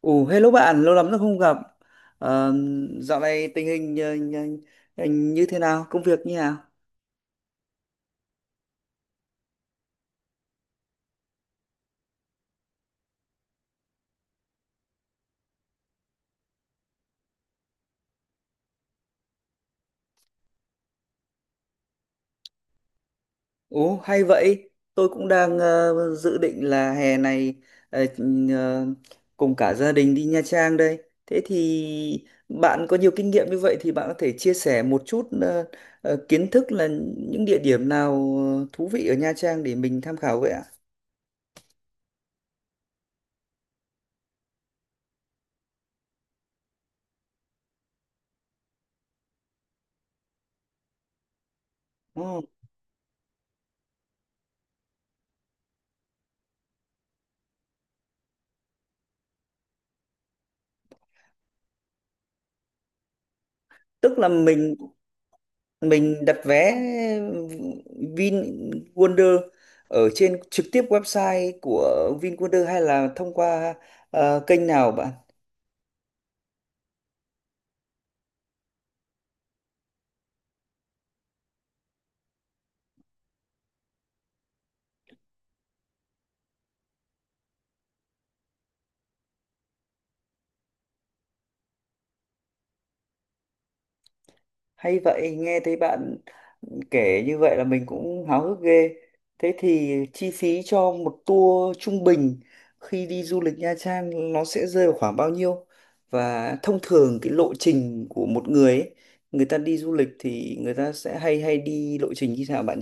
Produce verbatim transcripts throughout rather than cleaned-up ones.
Ồ, hello bạn, lâu lắm rồi không gặp. Ờ, dạo này tình hình ờ, anh- anh như thế nào, công việc như nào? Ồ, hay vậy. Tôi cũng đang ờ, dự định là hè này ờ, ờ, cùng cả gia đình đi Nha Trang đây. Thế thì bạn có nhiều kinh nghiệm như vậy thì bạn có thể chia sẻ một chút ờ, ờ, kiến thức là những địa điểm nào ờ, thú vị ở Nha Trang để mình tham khảo vậy ạ? Ồ, tức là mình mình đặt vé Vinwonder ở trên trực tiếp website của Vinwonder hay là thông qua ờ, kênh nào bạn? Hay vậy, nghe thấy bạn kể như vậy là mình cũng háo hức ghê. Thế thì chi phí cho một tour trung bình khi đi du lịch Nha Trang nó sẽ rơi vào khoảng bao nhiêu? Và thông thường cái lộ trình của một người ấy, người ta đi du lịch thì người ta sẽ hay hay đi lộ trình như thế nào bạn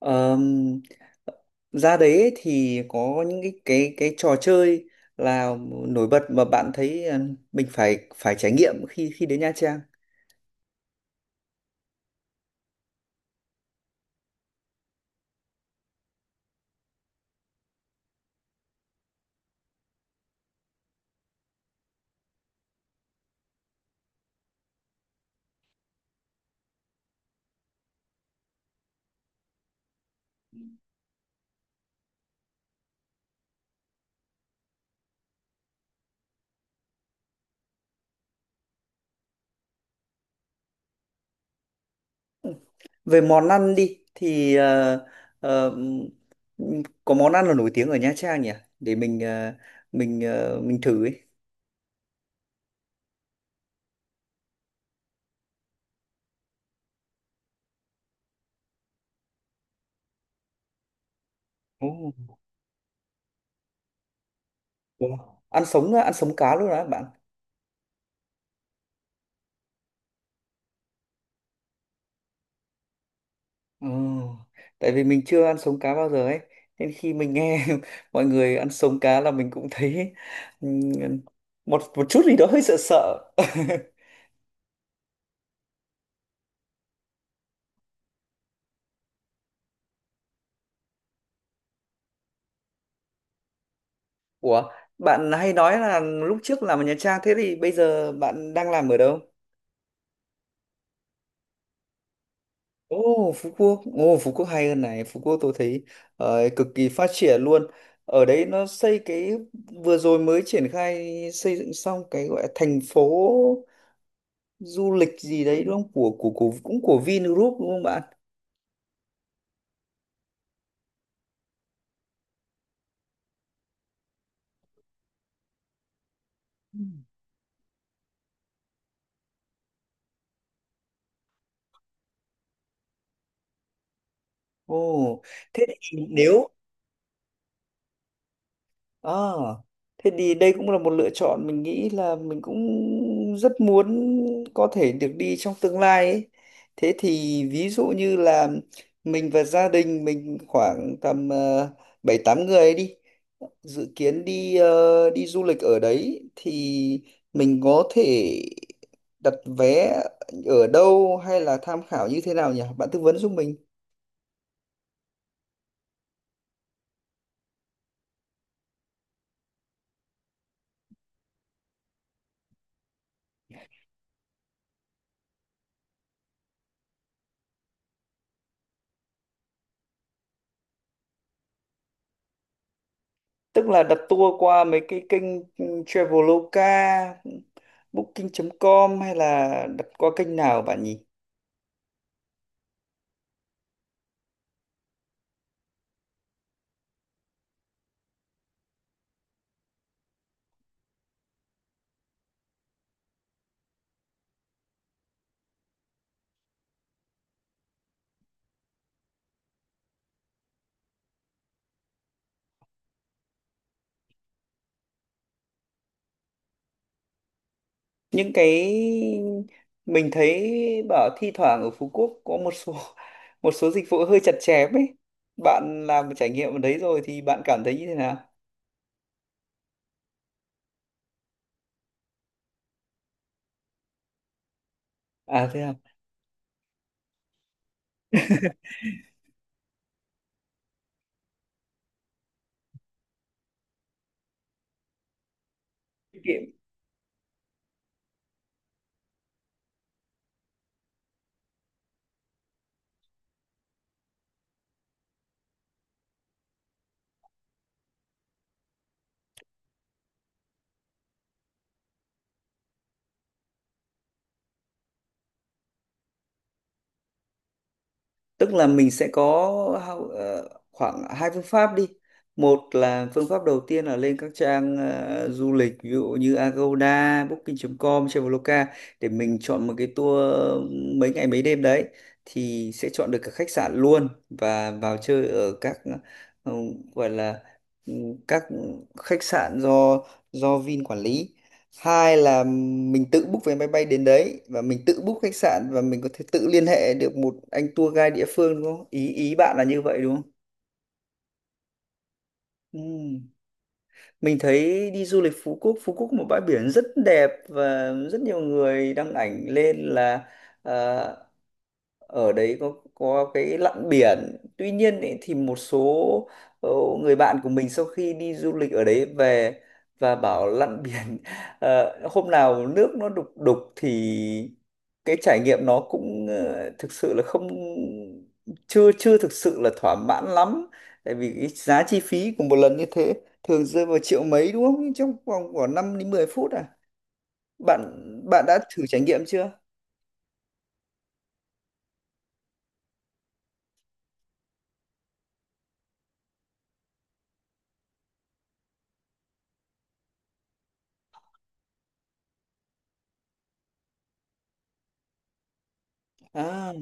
nhỉ? Ra đấy ấy thì có những cái cái cái trò chơi là nổi bật mà bạn thấy ờ, mình phải phải trải nghiệm khi khi đến Nha Trang. Về món ăn đi thì ờ, ờ, có món ăn là nổi tiếng ở Nha Trang nhỉ để mình ờ, mình ờ, mình thử ấy. Ồ, wow. Ăn sống á, ăn sống cá luôn đó bạn. Ồ, tại vì mình chưa ăn sống cá bao giờ ấy nên khi mình nghe mọi người ăn sống cá là mình cũng thấy ừm, một một chút gì đó hơi sợ sợ Ủa, bạn hay nói là lúc trước làm ở Nha Trang thế thì bây giờ bạn đang làm ở đâu? Ồ, Phú Quốc. Ồ, Phú Quốc hay hơn này. Phú Quốc tôi thấy ờ, cực kỳ phát triển luôn. Ở đấy nó xây cái vừa rồi mới triển khai xây dựng xong cái gọi là thành phố du lịch gì đấy đúng không? Của của của cũng của Vingroup đúng không bạn? Ồ, thế thì nếu À, thế thì đây cũng là một lựa chọn mình nghĩ là mình cũng rất muốn có thể được đi trong tương lai ấy. Thế thì ví dụ như là mình và gia đình mình khoảng tầm ờ, bảy tám người ấy đi dự kiến đi ờ, đi du lịch ở đấy thì mình có thể đặt vé ở đâu hay là tham khảo như thế nào nhỉ? Bạn tư vấn giúp mình. Tức là đặt tour qua mấy cái kênh ừ, Traveloka, Booking chấm com hay là đặt qua kênh nào bạn nhỉ? Những cái mình thấy bảo thi thoảng ở Phú Quốc có một số một số dịch vụ hơi chặt chém ấy. Bạn làm một trải nghiệm ở đấy rồi thì bạn cảm thấy như thế nào? À thế à? Kệ. Tức là mình sẽ có ờ, khoảng hai phương pháp đi. Một là phương pháp đầu tiên là lên các trang ờ, du lịch ví dụ như Agoda, Booking chấm com, Traveloka để mình chọn một cái tour mấy ngày mấy đêm đấy thì sẽ chọn được cả khách sạn luôn và vào chơi ở các ừ, gọi là ừ, các khách sạn do do Vin quản lý. Hai là mình tự book vé máy bay đến đấy và mình tự book khách sạn và mình có thể tự liên hệ được một anh tour guide địa phương đúng không ý ý bạn là như vậy đúng không? Ừm. Mình thấy đi du lịch Phú Quốc Phú Quốc một bãi biển rất đẹp và rất nhiều người đăng ảnh lên là ờ, ở đấy có có cái lặn biển tuy nhiên ý, thì một số ờ, người bạn của mình sau khi đi du lịch ở đấy về và bảo lặn biển ờ, hôm nào nước nó đục đục thì cái trải nghiệm nó cũng ờ, thực sự là không chưa chưa thực sự là thỏa mãn lắm tại vì cái giá chi phí của một lần như thế thường rơi vào triệu mấy đúng không? Nhưng trong vòng khoảng năm đến mười phút à bạn bạn đã thử trải nghiệm chưa? À.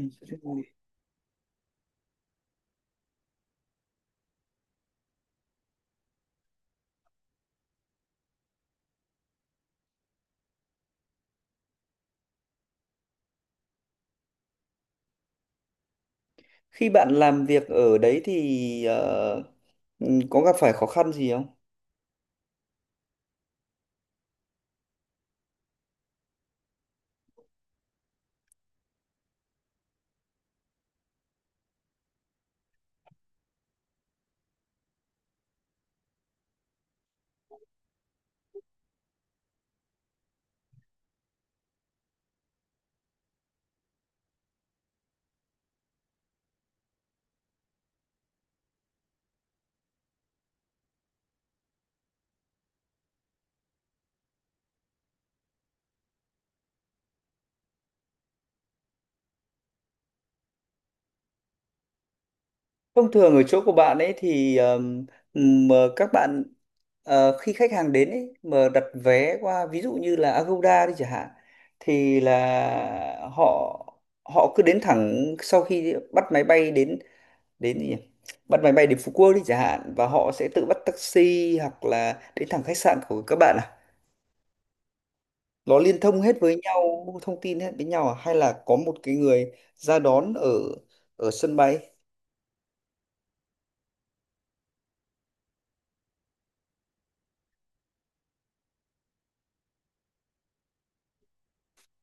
Khi bạn làm việc ở đấy thì ờ, ừm, có gặp phải khó khăn gì không? Thông thường ở chỗ của bạn ấy thì ờm, ừm, mà các bạn ờ, khi khách hàng đến ấy mà đặt vé qua ví dụ như là Agoda đi chẳng hạn thì là họ họ cứ đến thẳng sau khi bắt máy bay đến đến gì nhỉ? Bắt máy bay đến Phú Quốc đi chẳng hạn và họ sẽ tự bắt taxi hoặc là đến thẳng khách sạn của các bạn à? Nó liên thông hết với nhau thông tin hết với nhau à? Hay là có một cái người ra đón ở ở sân bay?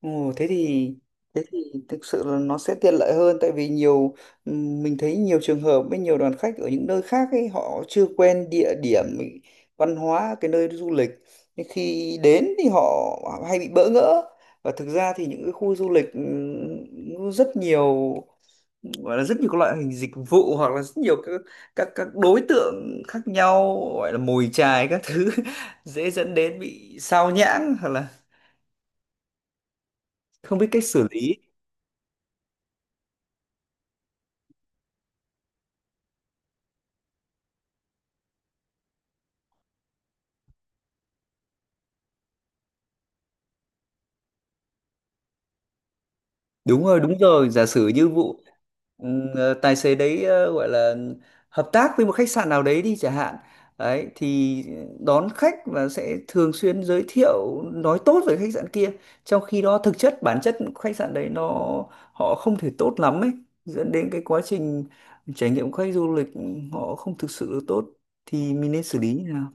Ồ, thế thì thế thì thực sự là nó sẽ tiện lợi hơn tại vì nhiều ừm, mình thấy nhiều trường hợp với nhiều đoàn khách ở những nơi khác ấy họ chưa quen địa điểm ý, văn hóa cái nơi du lịch nhưng khi đến thì họ hay bị bỡ ngỡ và thực ra thì những cái khu du lịch ừm, rất nhiều gọi là rất nhiều các loại hình dịch vụ hoặc là rất nhiều các các các đối tượng khác nhau gọi là mồi chài các thứ dễ dẫn đến bị sao nhãng hoặc là không biết cách xử lý. Đúng rồi, đúng rồi. Giả sử như vụ ừm, ờ, tài xế đấy ờ, gọi là hợp tác với một khách sạn nào đấy đi chẳng hạn. Đấy, thì đón khách và sẽ thường xuyên giới thiệu nói tốt về khách sạn kia. Trong khi đó thực chất bản chất khách sạn đấy nó họ không thể tốt lắm ấy, dẫn đến cái quá trình trải nghiệm của khách du lịch ừ, họ không thực sự được tốt thì mình nên xử lý như nào?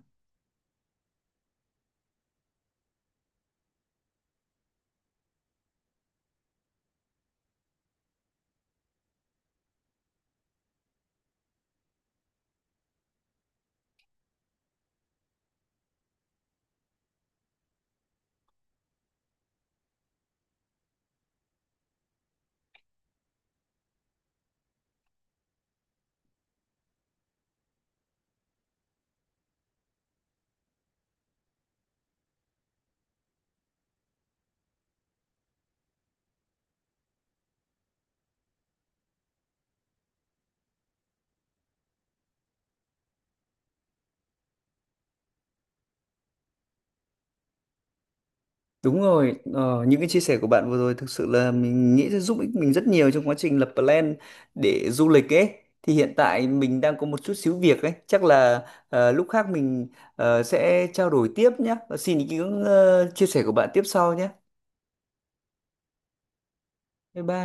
Đúng rồi, ờ, những cái chia sẻ của bạn vừa rồi thực sự là mình nghĩ sẽ giúp ích mình rất nhiều trong quá trình lập plan để du lịch ấy. Thì hiện tại mình đang có một chút xíu việc ấy, chắc là ờ, lúc khác mình ờ, sẽ trao đổi tiếp nhé. Và xin ý kiến ờ, chia sẻ của bạn tiếp sau nhé. Bye bye.